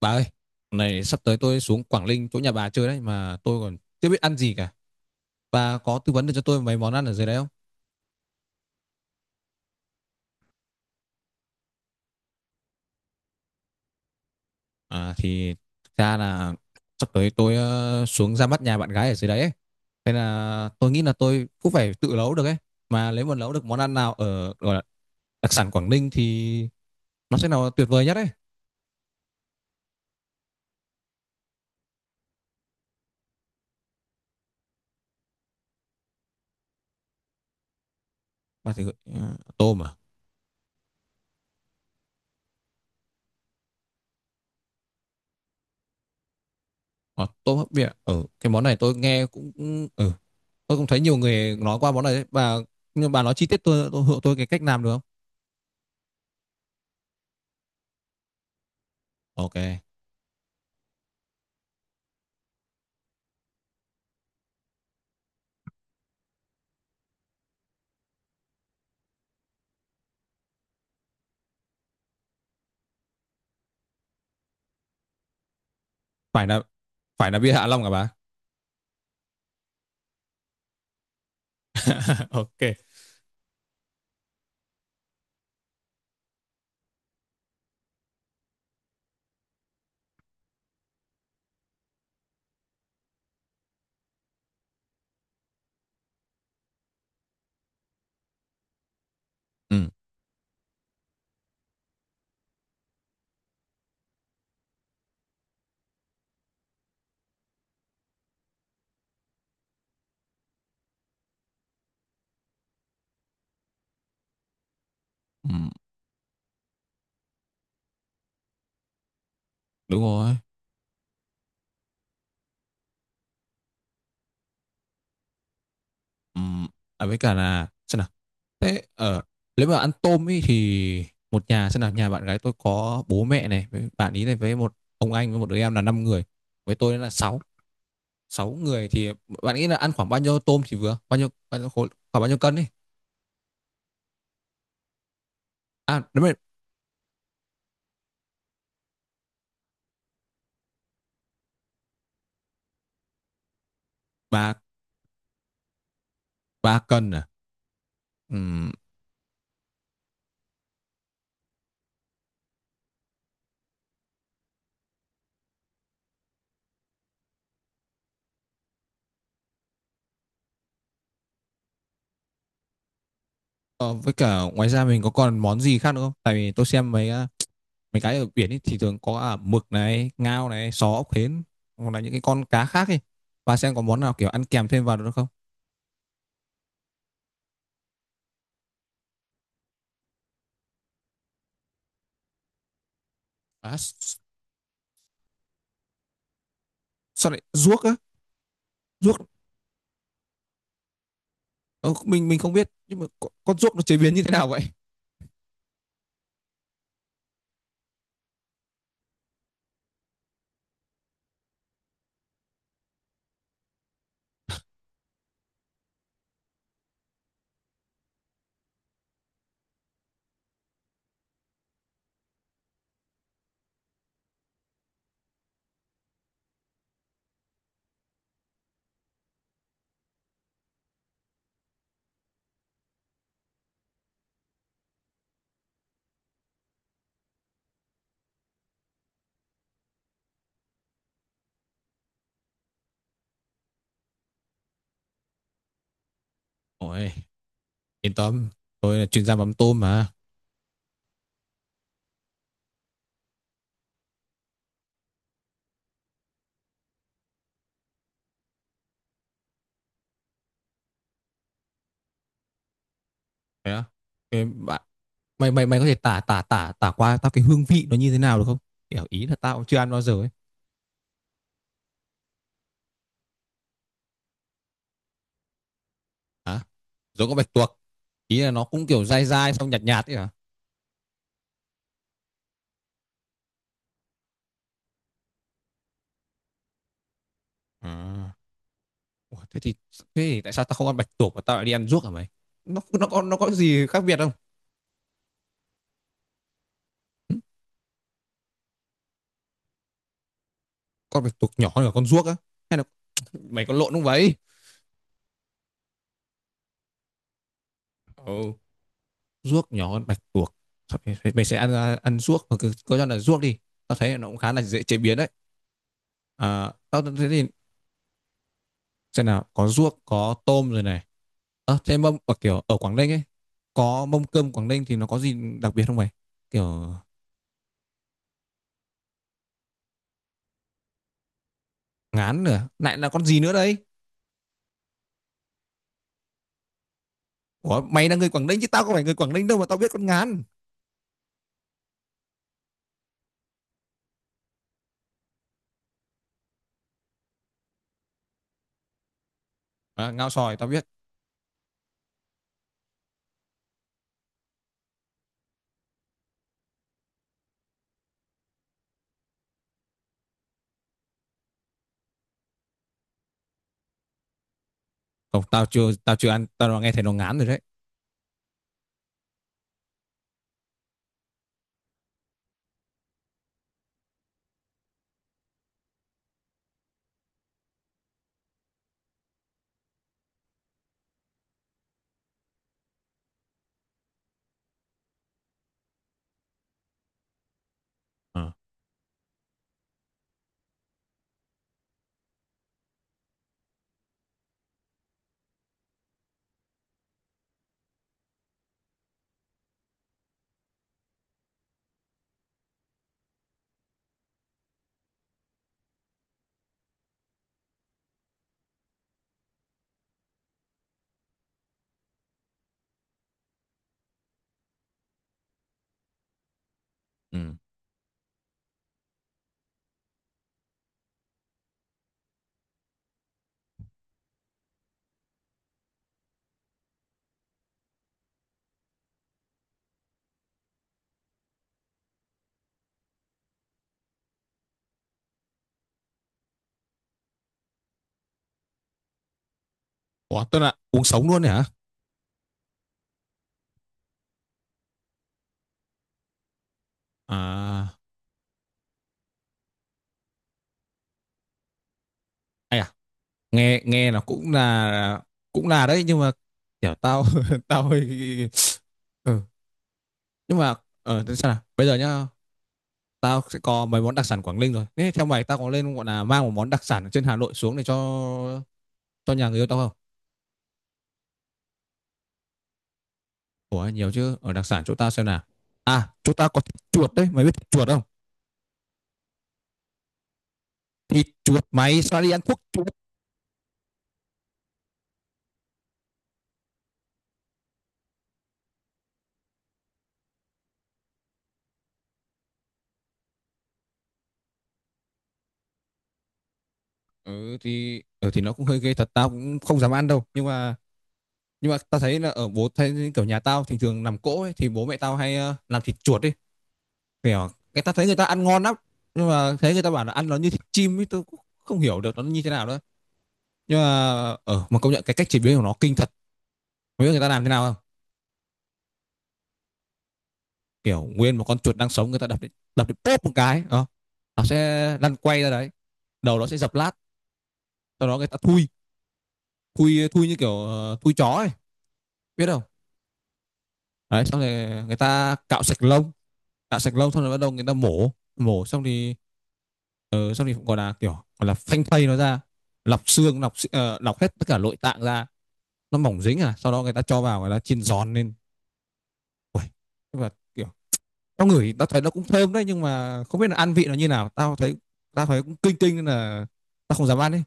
Bà ơi, này sắp tới tôi xuống Quảng Ninh chỗ nhà bà chơi đấy mà tôi còn chưa biết ăn gì cả. Bà có tư vấn được cho tôi mấy món ăn ở dưới đấy không? À thì thực ra là sắp tới tôi xuống ra mắt nhà bạn gái ở dưới đấy ấy. Thế là tôi nghĩ là tôi cũng phải tự nấu được ấy. Mà nếu mà nấu được món ăn nào ở gọi là đặc sản Quảng Ninh thì nó sẽ là tuyệt vời nhất ấy. Bà thì tôm à? Ờ, tôm hấp miệng. Ở cái món này tôi nghe cũng ừ, tôi cũng thấy nhiều người nói qua món này đấy. Nhưng bà nói chi tiết tôi cái cách làm được không? OK. Phải là phải là bia Hạ Long cả bà? OK. Ừ, ừ, đúng rồi. Ừ. À, với cả là xem nào, thế ở, nếu mà ăn tôm ý thì một nhà, xem nào, nhà bạn gái tôi có bố mẹ này với bạn ý này với một ông anh với một đứa em là 5 người, với tôi là 6 6 người thì bạn nghĩ là ăn khoảng bao nhiêu tôm thì vừa, bao nhiêu khối, khoảng bao nhiêu cân đi? À đúng rồi. Ba ba cân à? Ừm. Ờ, với cả ngoài ra mình có còn món gì khác nữa không, tại vì tôi xem mấy mấy cái ở biển ấy thì thường có, à, mực này, ngao này, sò ốc hến, hoặc là những cái con cá khác ấy. Bà xem có món nào kiểu ăn kèm thêm vào được không? À, s- sao lại ruốc á? Ruốc. Ờ, mình không biết nhưng mà con ruốc nó chế biến như thế nào vậy? Ôi, yên tâm, tôi là chuyên gia mắm tôm mà. Thế á? Thế bạn mày mày mày có thể tả tả tả tả qua tao cái hương vị nó như thế nào được không? Kiểu ý là tao cũng chưa ăn bao giờ ấy. Hả? Giống con bạch tuộc? Ý là nó cũng kiểu dai dai xong nhạt nhạt ấy hả? À. Ủa, thế thì tại sao tao không ăn bạch tuộc mà tao lại đi ăn ruốc hả mày? Nó có gì khác biệt không? Hử? Con bạch tuộc nhỏ hơn cả con ruốc á? Hay là mày có lộn không vậy? Ồ, ruốc nhỏ hơn bạch tuộc. Thôi. Mày sẽ ăn ăn ruốc, hoặc cứ cứ cho là ruốc đi. Tao thấy nó cũng khá là dễ chế biến đấy. À, tao thấy thì, xem nào, có ruốc có tôm rồi này. Ờ, thế mâm ở kiểu ở Quảng Ninh ấy, có mâm cơm Quảng Ninh thì nó có gì đặc biệt không mày? Kiểu ngán nữa, lại là con gì nữa đấy? Ủa, mày là người Quảng Ninh chứ tao không phải người Quảng Ninh đâu mà tao biết con ngán. À, ngao sòi tao biết. Không, tao chưa ăn, tao nghe thấy nó ngán rồi đấy. Ờ. Ừ. Ủa, tức là uống sống luôn đấy hả? À ai à nghe nghe nó cũng là đấy, nhưng mà kiểu tao tao hơi ừ. Nhưng mà thế sao nào, bây giờ nhá, tao sẽ có mấy món đặc sản Quảng Ninh rồi, thế theo mày tao có lên gọi là mang một món đặc sản ở trên Hà Nội xuống để cho nhà người yêu tao không? Ủa nhiều chứ, đặc sản chỗ tao, xem nào, à, chỗ tao có thịt chuột đấy, mày biết thịt chuột không? Thịt chuột, mày sao đi ăn thuốc chuột! Ừ thì nó cũng hơi ghê thật, tao cũng không dám ăn đâu, nhưng mà tao thấy là ở bố thấy kiểu nhà tao thì thường làm cỗ ấy, thì bố mẹ tao hay làm thịt chuột ấy. Kiểu cái tao thấy người ta ăn ngon lắm, nhưng mà thấy người ta bảo là ăn nó như thịt chim ấy, tôi cũng không hiểu được nó như thế nào nữa. Nhưng mà ở mà công nhận cái cách chế biến của nó kinh thật, không biết người ta làm thế nào không. Kiểu nguyên một con chuột đang sống, người ta đập đến, đập đến, bóp một cái nó sẽ lăn quay ra đấy, đầu nó sẽ dập lát. Sau đó người ta thui, thui như kiểu thui chó ấy, biết không. Đấy, xong rồi người ta cạo sạch lông, cạo sạch lông, xong rồi bắt đầu người ta mổ. Mổ xong thì xong thì cũng gọi là kiểu, gọi là phanh thây nó ra, lọc xương, lọc lọc hết tất cả nội tạng ra. Nó mỏng dính, à sau đó người ta cho vào, người ta chiên giòn lên. Ui, nhưng mà kiểu tao ngửi tao thấy nó cũng thơm đấy, nhưng mà không biết là ăn vị nó như nào. Tao thấy cũng kinh kinh nên là tao không dám ăn ấy.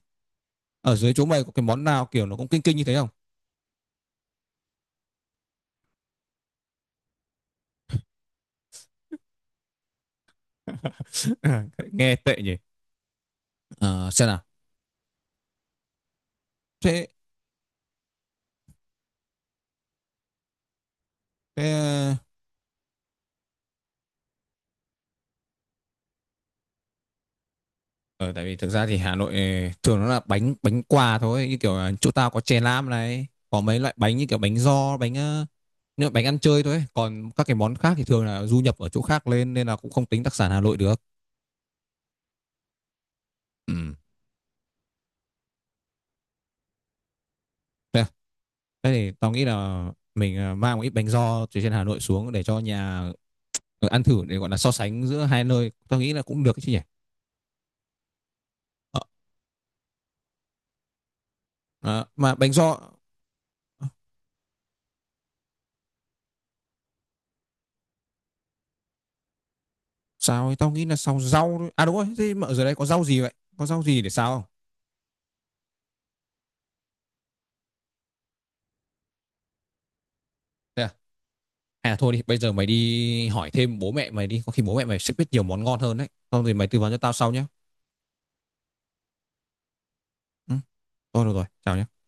Ở dưới chỗ mày có cái món nào kiểu nó cũng kinh kinh như thế không? Nghe tệ nhỉ. Ờ, xem nào. Thế, thế Ờ, tại vì thực ra thì Hà Nội thường nó là bánh bánh quà thôi, như kiểu là chỗ tao có chè lam này, có mấy loại bánh như kiểu bánh giò, như là bánh ăn chơi thôi ấy. Còn các cái món khác thì thường là du nhập ở chỗ khác lên, nên là cũng không tính đặc sản Hà Nội được. Ừ. Thế à? Thế thì tao nghĩ là mình mang một ít bánh giò từ trên Hà Nội xuống để cho nhà ăn thử, để gọi là so sánh giữa hai nơi, tao nghĩ là cũng được chứ nhỉ. Ờ. À, mà bánh giò sao ấy? Tao nghĩ là xào rau thôi. À đúng rồi, thế mà ở dưới đây có rau gì vậy, có rau gì để xào không? Thế à? Hay là thôi đi, bây giờ mày đi hỏi thêm bố mẹ mày đi, có khi bố mẹ mày sẽ biết nhiều món ngon hơn đấy, xong rồi mày tư vấn cho tao sau nhé. Ừ, thôi được rồi, chào nhé.